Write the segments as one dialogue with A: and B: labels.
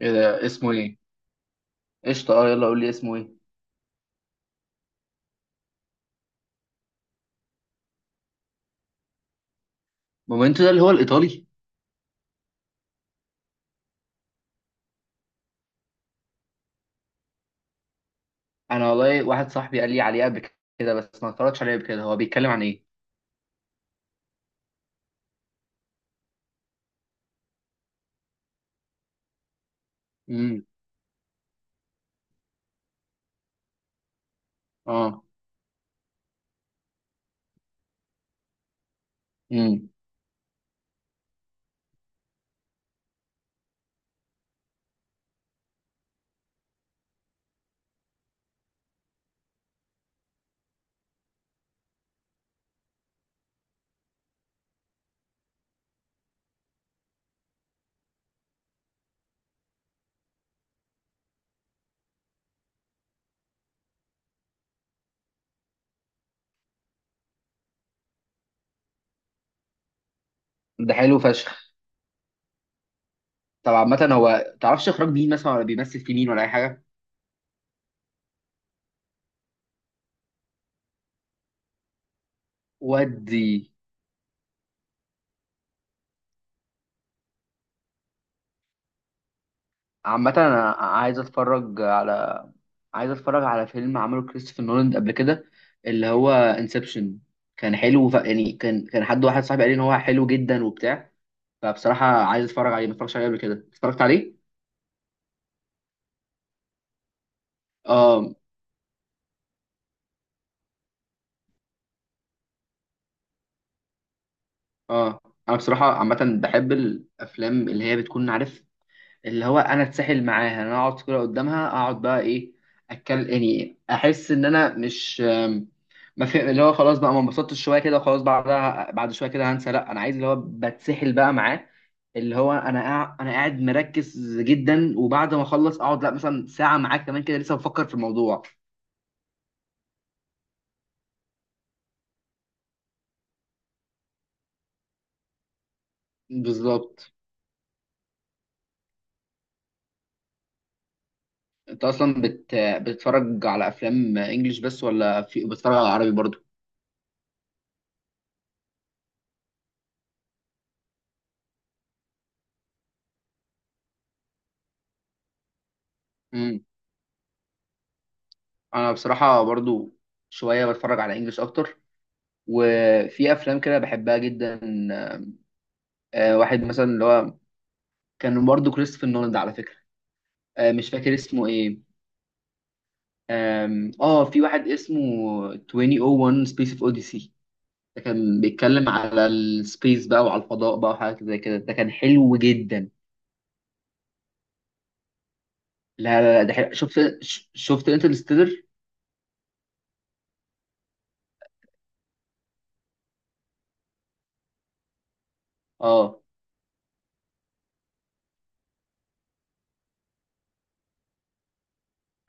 A: ايه ده اسمه ايه؟ قشطه، اه، يلا قول لي اسمه ايه. مومنتو ده اللي هو الايطالي؟ انا والله واحد صاحبي قال لي عليه قبل كده، بس ما اتفرجتش عليه قبل كده. هو بيتكلم عن ايه؟ امم. اه. امم. ده حلو فشخ. طب عامه هو تعرفش اخراج مين مثلا، ولا بيمثل في مين، ولا اي حاجه؟ ودي. عامه انا عايز اتفرج على فيلم عمله كريستوفر نولان قبل كده، اللي هو انسبشن، كان حلو. يعني كان حد، واحد صاحبي، قال لي ان هو حلو جدا وبتاع. فبصراحه عايز اتفرج عليه، ما اتفرجتش عليه قبل كده، اتفرجت عليه. اه، اه. انا بصراحه عامه بحب الافلام اللي هي بتكون عارف اللي هو انا اتسحل معاها، انا اقعد كده قدامها اقعد بقى ايه، اتكلم يعني، احس ان انا مش ما في اللي هو خلاص بقى ما انبسطتش شويه كده وخلاص، بعدها بعد شويه كده هنسى، لا انا عايز اللي هو بتسحل بقى معاه. اللي هو انا انا قاعد مركز جدا، وبعد ما اخلص اقعد لا مثلا ساعه معاه كمان كده لسه بفكر في الموضوع. بالظبط. انت اصلا بتتفرج على افلام انجليش بس، ولا في بتتفرج على عربي برضه؟ مم. انا بصراحه برضو شويه بتفرج على انجلش اكتر، وفي افلام كده بحبها جدا. واحد مثلا، اللي هو كان برضو كريستوفر نولان ده على فكره. مش فاكر اسمه ايه. اه، في واحد اسمه 2001 سبيس اوف اوديسي. ده كان بيتكلم على السبيس بقى وعلى الفضاء بقى وحاجات زي كده، ده كان حلو جدا. لا، لا، لا، ده حلو. شفت شفت انترستيلر. اه.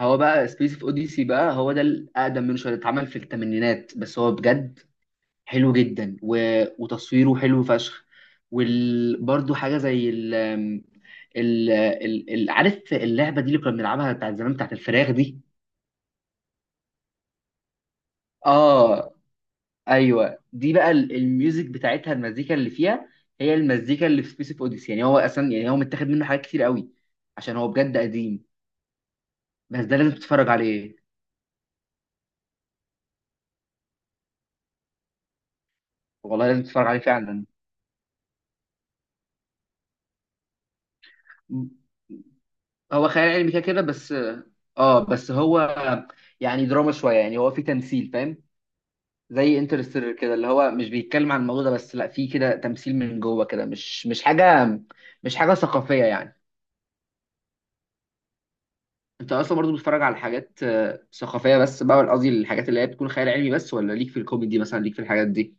A: هو بقى سبيس اوف اوديسي بقى، هو ده الاقدم منه شويه، اتعمل في الثمانينات، بس هو بجد حلو جدا. وتصويره حلو فشخ. برضو حاجه زي عارف اللعبه دي اللي كنا بنلعبها بتاعت زمان بتاعت الفراخ دي. اه. ايوه دي بقى الميوزك بتاعتها، المزيكا اللي فيها هي المزيكا اللي في سبيس اوف اوديسي، يعني هو اصلا يعني هو متاخد منه حاجات كتير قوي عشان هو بجد قديم. بس ده لازم تتفرج عليه. والله لازم تتفرج عليه فعلا. هو خيال علمي كده كده بس. اه، بس هو يعني دراما شويه، يعني هو في تمثيل، فاهم؟ زي انترستيلر كده، اللي هو مش بيتكلم عن الموضوع ده بس، لا في كده تمثيل من جوه كده، مش حاجه، مش حاجه ثقافيه يعني. انت اصلا برضو بتتفرج على حاجات ثقافيه بس بقى، ولا قصدي الحاجات اللي هي بتكون خيال علمي بس، ولا ليك في الكوميدي مثلا، ليك في الحاجات دي؟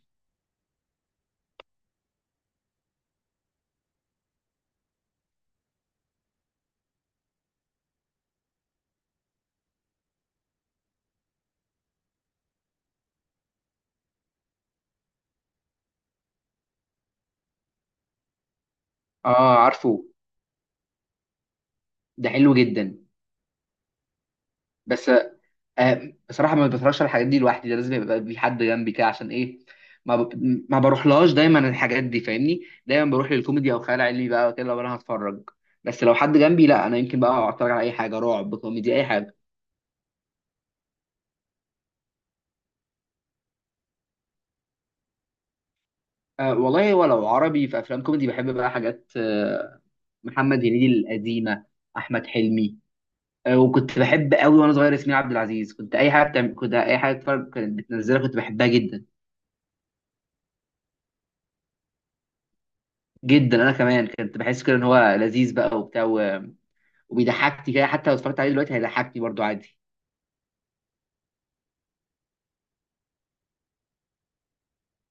A: اه، عارفه. ده حلو جدا. بس بصراحه ما بتفرجش على الحاجات دي لوحدي، ده لازم يبقى في حد جنبي كده عشان ايه. ما ب... ما بروحلهاش دايما الحاجات دي، فاهمني؟ دايما بروح للكوميدي او خيال علمي بقى كده لو انا هتفرج، بس لو حد جنبي لا انا يمكن بقى اتفرج على اي حاجه، رعب، كوميدي، اي حاجه. والله، ولو عربي في افلام كوميدي بحب بقى حاجات آه، محمد هنيدي القديمه، احمد حلمي. وكنت بحب قوي وانا صغير ياسمين عبد العزيز، كنت اي حاجه بتعمل كنت اي حاجه اتفرج، كانت بتنزلها كنت بحبها جدا. جدا، انا كمان كنت بحس كده ان هو لذيذ بقى وبتاع، وبيضحكني كده، حتى لو اتفرجت عليه دلوقتي هيضحكني برضو عادي.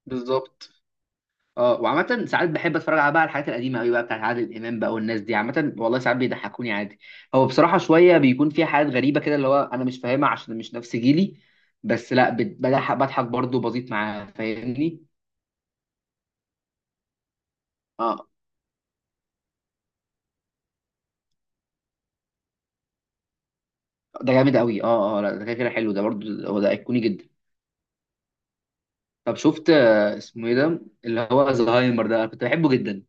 A: بالظبط. اه، وعامة ساعات بحب اتفرج على بقى على الحاجات القديمة قوي بقى بتاعت عادل امام بقى والناس دي، عامة والله ساعات بيضحكوني عادي. هو بصراحة شوية بيكون فيها حاجات غريبة كده اللي هو انا مش فاهمها عشان مش نفس جيلي، بس لا بضحك برضه بسيط معاه، فاهمني؟ اه. ده جامد قوي. اه، اه، لا ده كده كده حلو، ده برضه هو ده ايقوني جدا. طب شفت اسمه ايه ده، اللي هو زهايمر ده؟ أنا كنت بحبه جدا،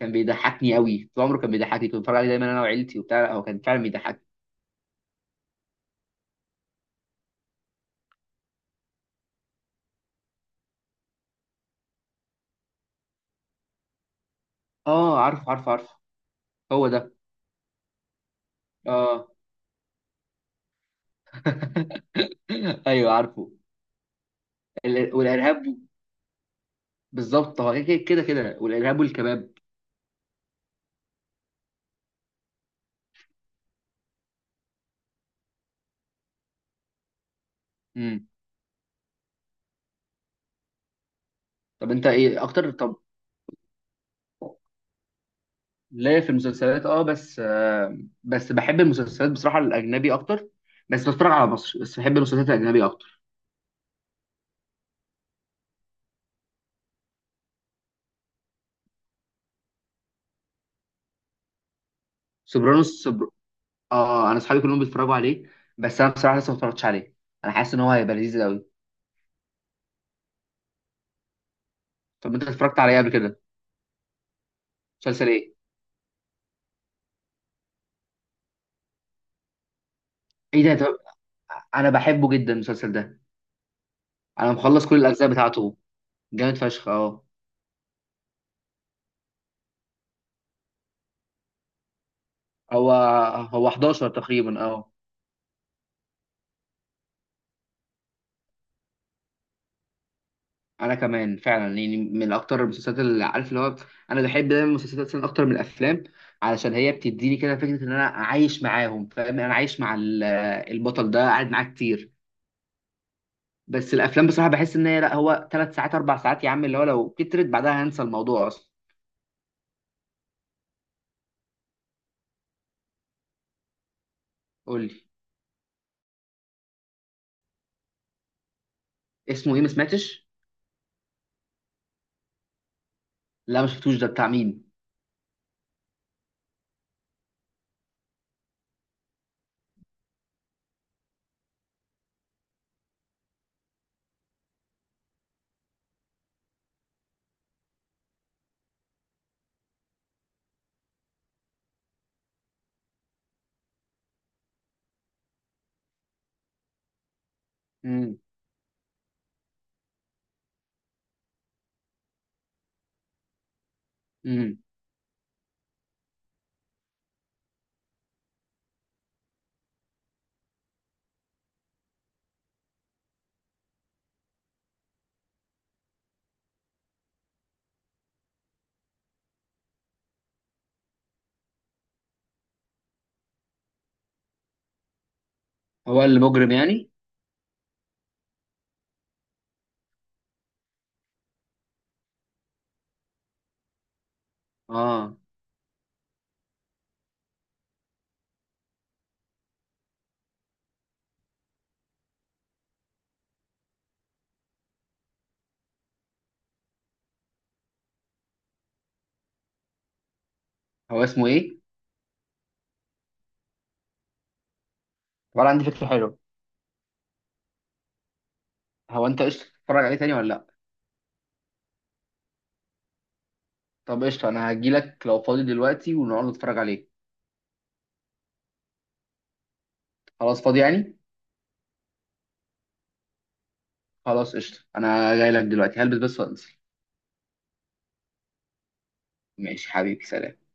A: كان بيضحكني قوي طول عمره، كان بيضحكني، كنت بتفرج عليه دايما انا وعيلتي وبتاع. لا، هو كان فعلا بيضحكني. اه، عارف، عارف، عارف. هو ده. اه. ايوه، عارفه. والارهاب. بالظبط، هو كده كده كده، والارهاب والكباب. امم. طب انت ايه اكتر؟ طب، ليا في المسلسلات اه، بس بس بحب المسلسلات بصراحه الاجنبي اكتر. بس بتفرج على مصر، بس بحب المسلسلات الاجنبي اكتر. سوبرانوس، اه، انا اصحابي كلهم بيتفرجوا عليه، بس انا بصراحه لسه ما اتفرجتش عليه. انا حاسس ان هو هيبقى لذيذ قوي. طب انت اتفرجت عليه قبل كده؟ مسلسل ايه؟ ايه ده؟ طب انا بحبه جدا المسلسل ده. انا مخلص كل الاجزاء بتاعته، جامد فشخ. اه. هو 11 تقريبا. اه. انا كمان فعلا يعني من اكتر المسلسلات اللي عارف اللي هو، انا بحب دايما المسلسلات أصلاً اكتر من الافلام، علشان هي بتديني كده فكره ان انا عايش معاهم، فاهم، انا عايش مع البطل ده قاعد معاه كتير. بس الافلام بصراحه بحس ان هي، لا هو 3 ساعات 4 ساعات يا عم، اللي هو لو كترت بعدها هنسى الموضوع اصلا. قول لي اسمه ايه، ما سمعتش. لا، ما شفتوش، ده بتاع مين؟ امم. امم. هو المجرم يعني؟ اه. هو اسمه ايه؟ ولا، عندي فكره حلوه. هو انت قشطة تتفرج عليه تاني ولا لا؟ طب قشطة، انا هجيلك لو فاضي دلوقتي ونقعد نتفرج عليه. خلاص فاضي يعني. خلاص قشطة، انا جايلك دلوقتي، هلبس بس وانزل. ماشي حبيبي، سلام.